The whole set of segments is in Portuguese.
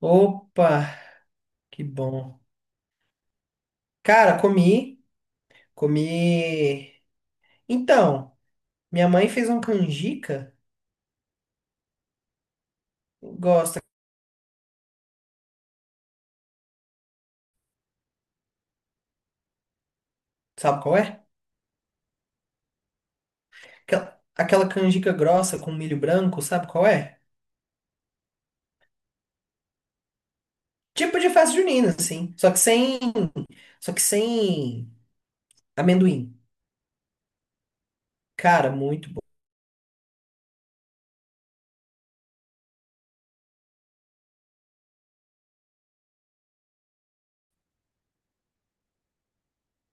Opa, que bom. Cara, comi, comi. Então, minha mãe fez uma canjica, gosta, sabe qual é? Aquela, aquela canjica grossa com milho branco, sabe qual é? Tipo de festa junina, assim, só que sem amendoim. Cara, muito bom.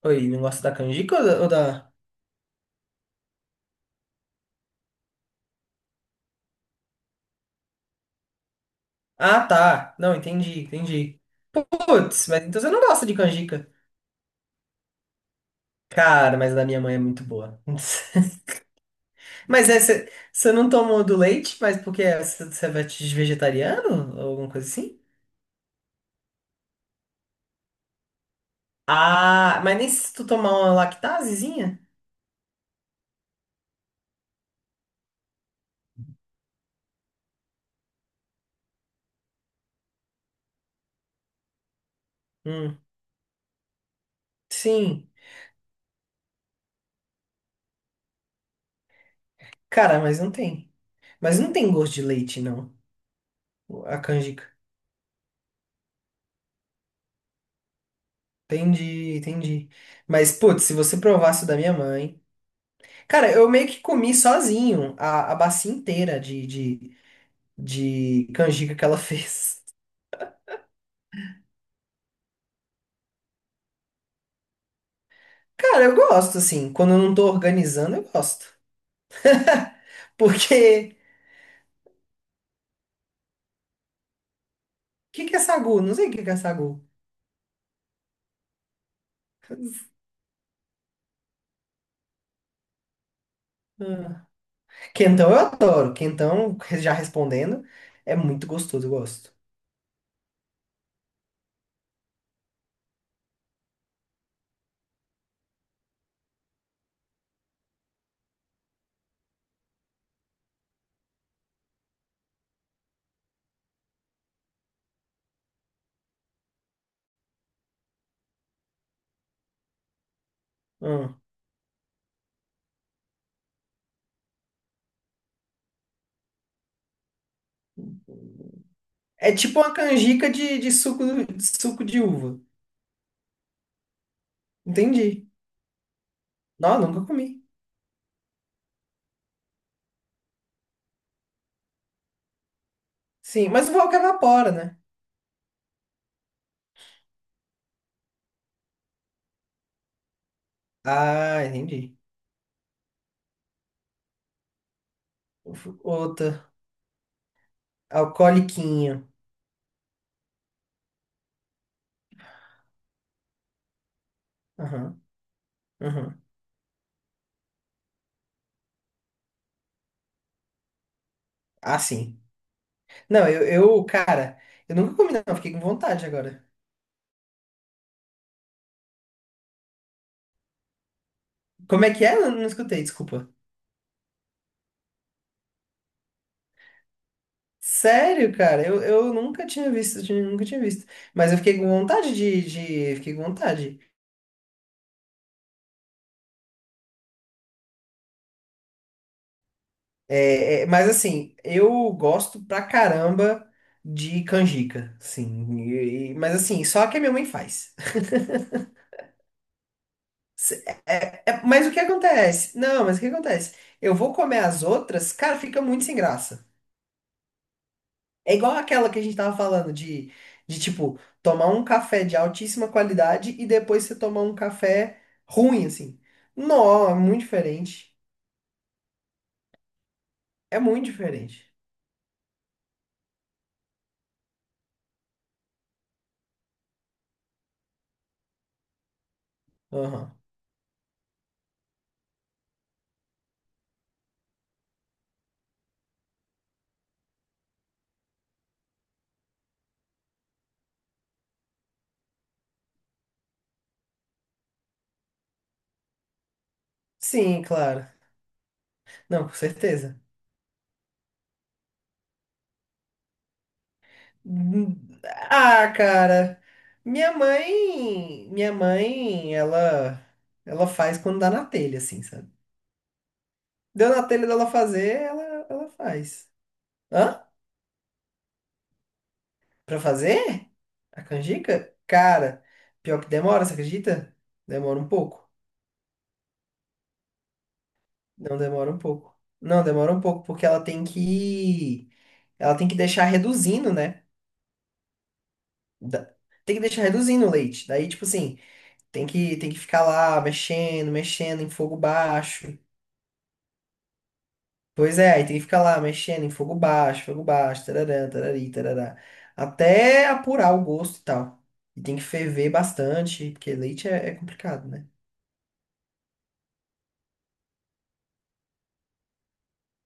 Oi, não gosta da canjica ou da- Ah, tá. Não, entendi, entendi. Putz, mas então você não gosta de canjica. Cara, mas a da minha mãe é muito boa. Mas é, você não tomou do leite, mas porque é você é vegetariano ou alguma coisa assim? Ah, mas nem se tu tomar uma lactasezinha? Hum, sim. Cara, mas não tem. Mas não tem gosto de leite, não. A canjica. Entendi, entendi. Mas, putz, se você provasse o da minha mãe. Cara, eu meio que comi sozinho a bacia inteira de canjica que ela fez. Cara, eu gosto, assim. Quando eu não tô organizando, eu gosto. Porque. Que é sagu? Não sei o que que é sagu. Ah. Quentão eu adoro. Quentão, já respondendo, é muito gostoso, eu gosto. Ah. É tipo uma canjica de suco, de suco de uva. Entendi. Não, eu nunca comi. Sim, mas o álcool evapora, né? Ah, entendi. Uf, outra. Alcooliquinho. Aham, aham. Ah, sim. Não, eu, cara, eu nunca comi, não. Fiquei com vontade agora. Como é que é? Eu não escutei, desculpa. Sério, cara, eu nunca tinha visto, nunca tinha visto. Mas eu fiquei com vontade fiquei com vontade. É, é, mas assim, eu gosto pra caramba de canjica, sim. Mas assim, só que a minha mãe faz. Mas o que acontece? Não, mas o que acontece? Eu vou comer as outras, cara, fica muito sem graça. É igual aquela que a gente tava falando de tipo, tomar um café de altíssima qualidade e depois você tomar um café ruim, assim. Não, é muito diferente. É muito diferente. Aham. Sim, claro. Não, com certeza. Hum, Ah, cara. Minha mãe, ela faz quando dá na telha, assim, sabe? Deu na telha dela fazer, ela faz. Hã? Pra fazer? A canjica? Cara, pior que demora, você acredita? Demora um pouco. Não demora um pouco. Não, demora um pouco, porque ela tem que. Ela tem que deixar reduzindo, né? Da- Tem que deixar reduzindo o leite. Daí, tipo assim, tem que ficar lá mexendo, mexendo em fogo baixo. Pois é, aí tem que ficar lá mexendo em fogo baixo, tararã, tarari, tarará. Até apurar o gosto e tal. E tem que ferver bastante, porque leite é, é complicado, né?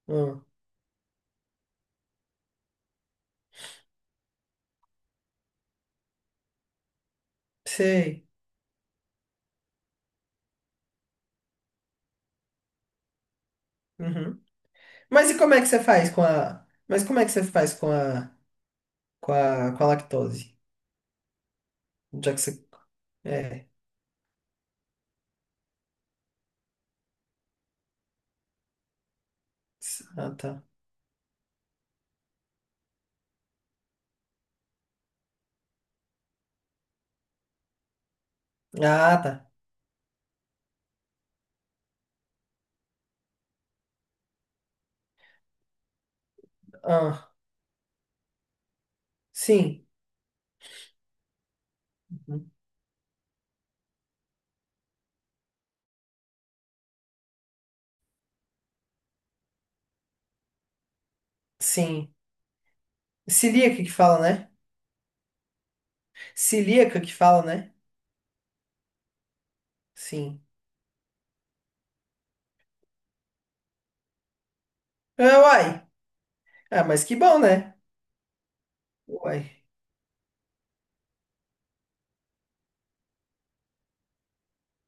Hum, sei. Uhum. Mas e como é que você faz com a. Mas como é que você faz com a. Com a, com a lactose? Já que você. É. Ah, tá. Ah, tá. Ah, sim. Uhum. Sim. Celíaca que fala, né? Celíaca que fala, né? Sim. Ah, uai. Ah, mas que bom, né? Uai.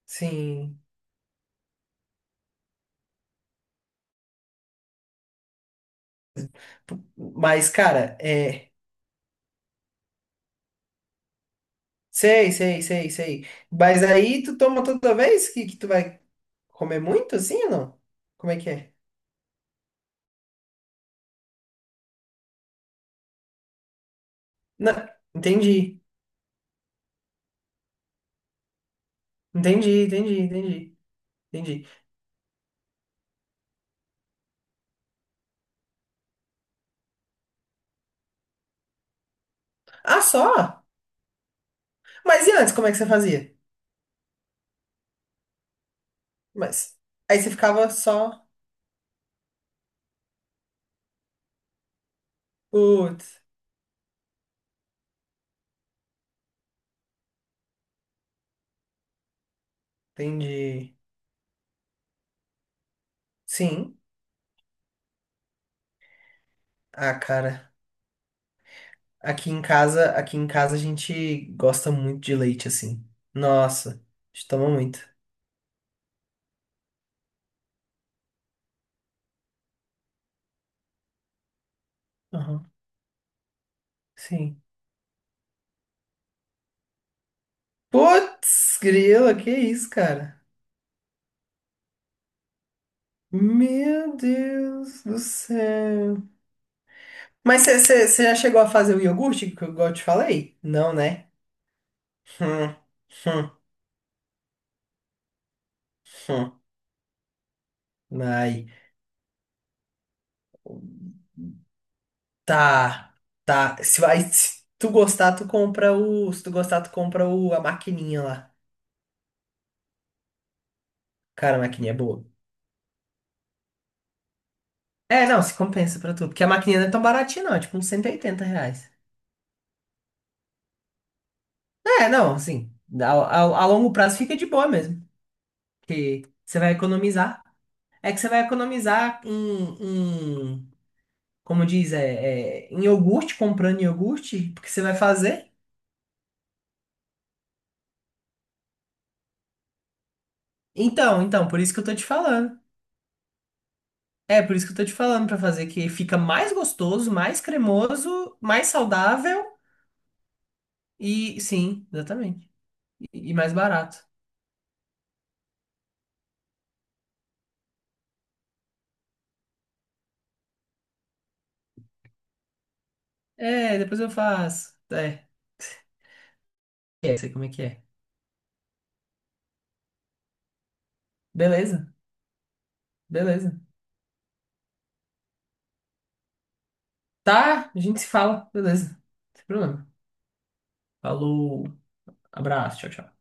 Sim. Mas, cara, é. Sei, sei, sei, sei. Mas aí tu toma toda vez que tu vai comer muito, assim ou não? Como é que é? Não. Entendi. Entendi, entendi, entendi. Entendi. Ah, só? Mas e antes, como é que você fazia? Mas. Aí você ficava só. Putz, entendi. Sim. Ah, cara. Aqui em casa a gente gosta muito de leite, assim. Nossa, a gente toma muito. Aham, sim. Putz, grila, que isso, cara? Meu Deus do céu. Mas já chegou a fazer o iogurte que eu igual eu te falei? Não, né? Hum, hum, hum. Ai. Tá, tá. Se vai, se tu gostar, tu compra o. Se tu gostar, tu compra o, a maquininha lá. Cara, a maquininha é boa. É, não, se compensa pra tu. Porque a maquininha não é tão baratinha, não. É tipo uns 180 reais. É, não, assim. A longo prazo fica de boa mesmo. Porque você vai economizar. É que você vai economizar como diz, é, é, em iogurte, comprando iogurte, porque você vai fazer. Então, então, por isso que eu tô te falando. É, por isso que eu tô te falando pra fazer, que fica mais gostoso, mais cremoso, mais saudável e sim, exatamente. E mais barato. É, depois eu faço. É, é, sei como é que é. Beleza, beleza. Tá, a gente se fala, beleza. Sem problema. Falou, abraço, tchau, tchau.